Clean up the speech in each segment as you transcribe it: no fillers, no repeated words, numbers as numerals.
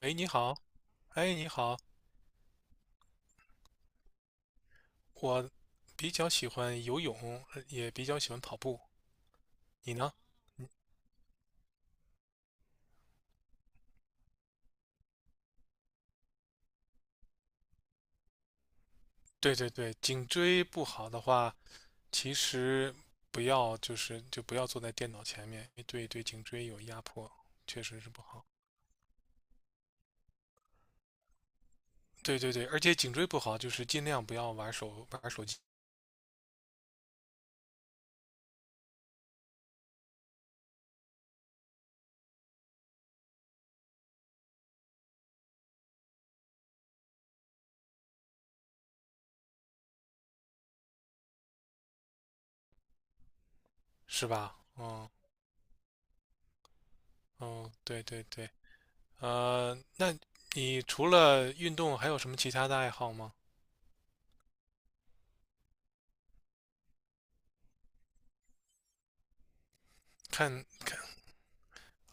哎，你好。哎，你好。我比较喜欢游泳，也比较喜欢跑步。你呢？对对对，颈椎不好的话，其实不要就是就不要坐在电脑前面，对对，颈椎有压迫，确实是不好。对对对，而且颈椎不好，就是尽量不要玩手机，是吧？嗯嗯，对对对。那你除了运动还有什么其他的爱好吗？看看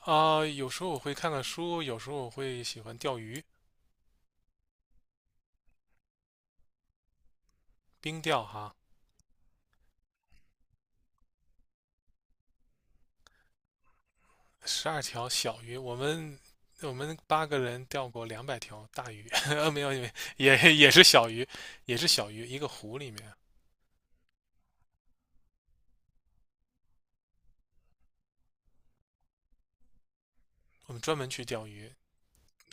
啊，有时候我会看看书，有时候我会喜欢钓鱼。冰钓哈。十二条小鱼，我们八个人钓过两百条大鱼，没有，没有，也是小鱼，也是小鱼，一个湖里面。我们专门去钓鱼，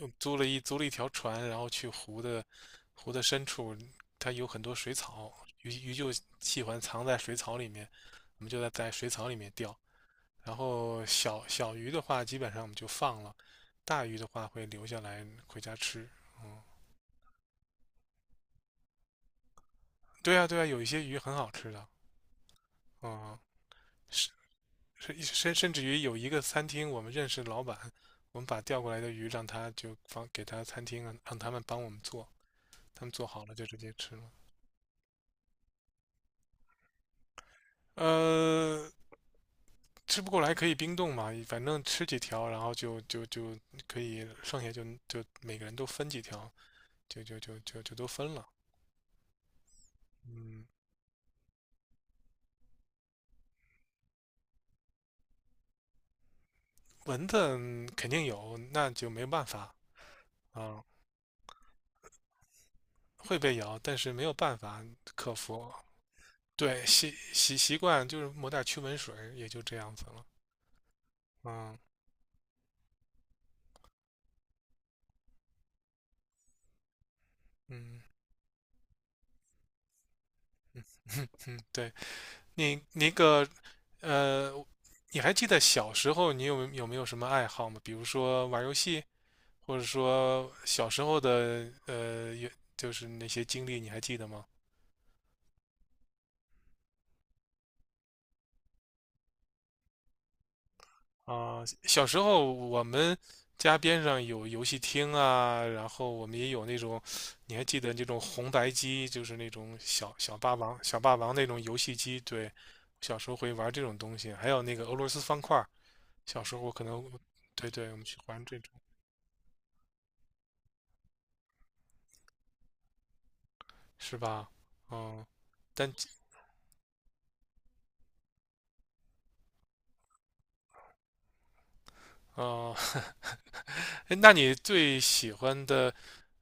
我们租了一条船，然后去湖的深处，它有很多水草，鱼就喜欢藏在水草里面，我们就在水草里面钓。然后小鱼的话，基本上我们就放了，大鱼的话会留下来回家吃。嗯，对啊，对啊，有一些鱼很好吃的。嗯，甚甚至于有一个餐厅，我们认识老板，我们把调过来的鱼让他就放给他餐厅，让他们帮我们做，他们做好了就直接吃了。呃，吃不过来可以冰冻嘛，反正吃几条，然后就可以剩下，就每个人都分几条，就都分了。嗯。蚊子，肯定有，那就没办法啊。会被咬，但是没有办法克服。对，习惯就是抹点驱蚊水，也就这样子了。嗯嗯嗯嗯，对。你那个呃，你还记得小时候你有没有什么爱好吗？比如说玩游戏，或者说小时候的就是那些经历，你还记得吗？啊，小时候我们家边上有游戏厅啊，然后我们也有那种。你还记得那种红白机，就是那种小霸王那种游戏机。对，小时候会玩这种东西，还有那个俄罗斯方块儿。小时候我可能，对对，我们去玩这种。是吧？嗯。但哦。哎，那你最喜欢的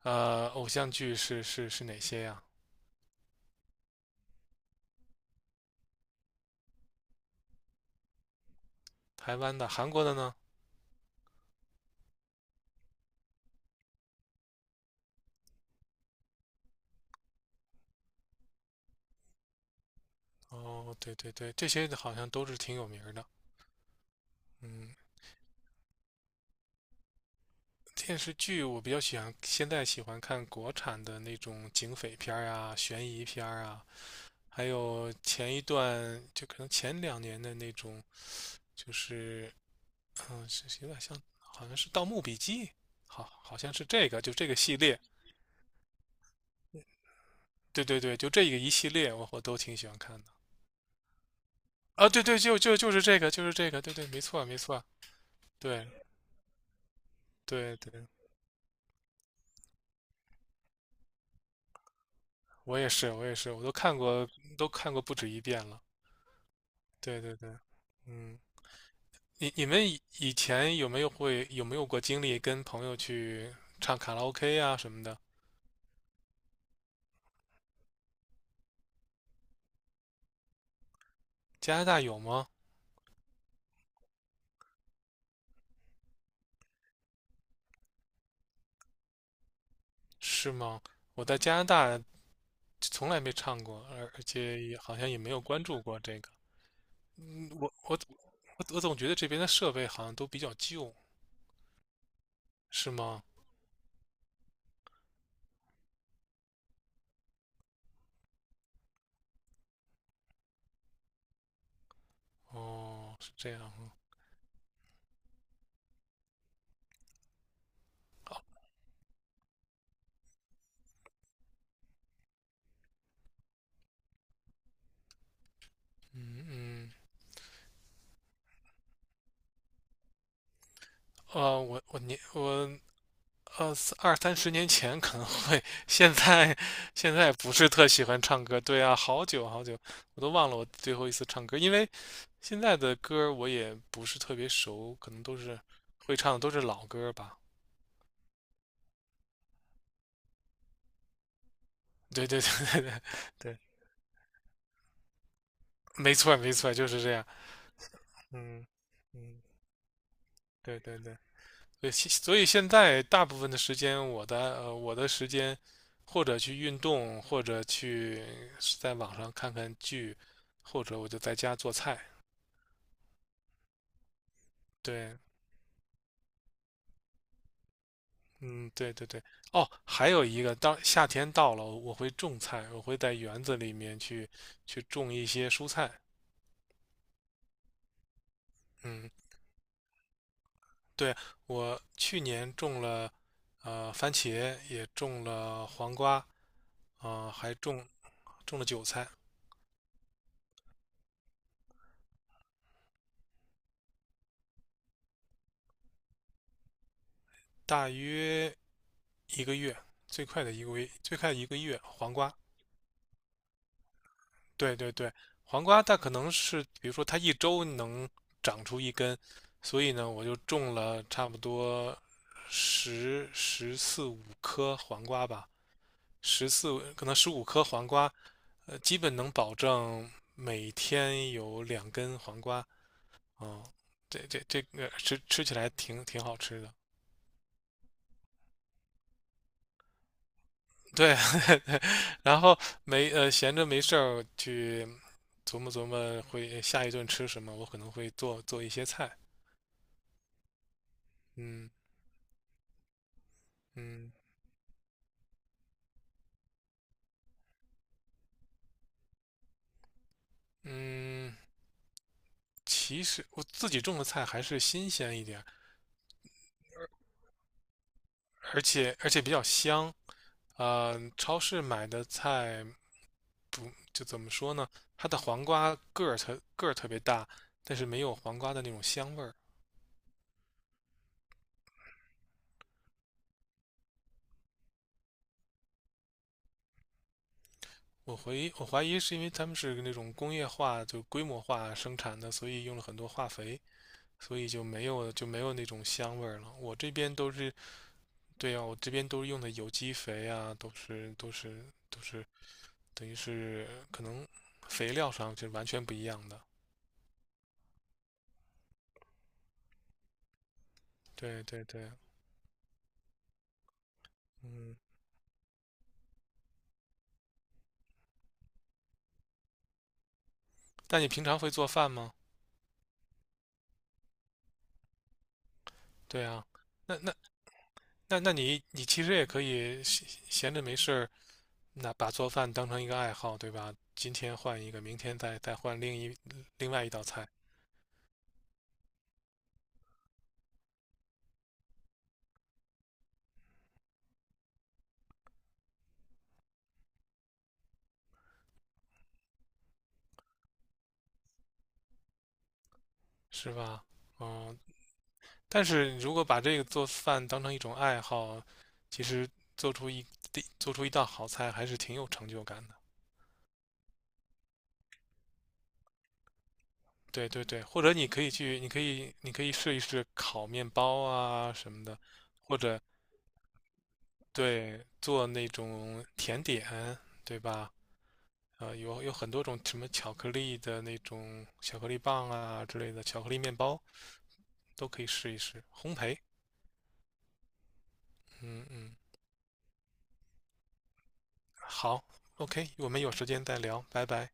偶像剧是哪些呀？台湾的、韩国的呢？哦，对对对，这些好像都是挺有名儿的。嗯。电视剧我比较喜欢，现在喜欢看国产的那种警匪片儿啊、悬疑片儿啊。还有前一段就可能前两年的那种，就是是有点像，好像是《盗墓笔记》，好像是这个，就这个系列。对对对，就这个一系列，我都挺喜欢看的。啊，对对，就是这个，就是这个，对对，没错没错。对对对，我也是我也是，我都看过，都看过不止一遍了。对对对。嗯。你们以前有没有过经历跟朋友去唱卡拉 OK 啊什么的？加拿大有吗？是吗？我在加拿大从来没唱过，而且也好像也没有关注过这个。嗯，我总觉得这边的设备好像都比较旧。是吗？哦，是这样啊。嗯嗯。呃，我我年我呃，二三十年前可能会。现在现在不是特喜欢唱歌。对啊，好久好久，我都忘了我最后一次唱歌。因为现在的歌我也不是特别熟，可能都是会唱的都是老歌吧。对对对对对对，没错没错，就是这样。嗯嗯，对对对。所以现在大部分的时间，我的时间，或者去运动，或者在网上看看剧，或者我就在家做菜。对。嗯，对对对。哦，还有一个，当夏天到了，我会种菜，我会在园子里面去种一些蔬菜。嗯，对，我去年种了番茄，也种了黄瓜，还种了韭菜。大约一个月，最快的一个月，最快一个月黄瓜。对对对，黄瓜它可能是，比如说它一周能长出一根，所以呢，我就种了差不多十四五颗黄瓜吧，十四可能十五颗黄瓜，基本能保证每天有两根黄瓜。嗯，这个吃起来挺好吃的。对。然后没呃闲着没事儿去琢磨琢磨会下一顿吃什么，我可能会做一些菜。嗯嗯嗯。其实我自己种的菜还是新鲜一点，而且比较香。超市买的菜就怎么说呢？它的黄瓜个儿特别大，但是没有黄瓜的那种香味儿。我怀疑是因为他们是那种工业化就规模化生产的，所以用了很多化肥，所以就没有那种香味儿了。我这边都是。对呀，我这边都是用的有机肥啊，都是等于是可能肥料上是完全不一样的。对对对。嗯。那你平常会做饭吗？对啊。那那那你其实也可以闲着没事儿，那把做饭当成一个爱好，对吧？今天换一个，明天再换另外一道菜。是吧？嗯。但是如果把这个做饭当成一种爱好，其实做出一做出一道好菜还是挺有成就感的。对对对，或者你可以去，你可以你可以试一试烤面包啊什么的，或者，对，做那种甜点，对吧？有很多种什么巧克力的那种巧克力棒啊之类的，巧克力面包都可以试一试。烘焙。嗯嗯。好，OK，我们有时间再聊，拜拜。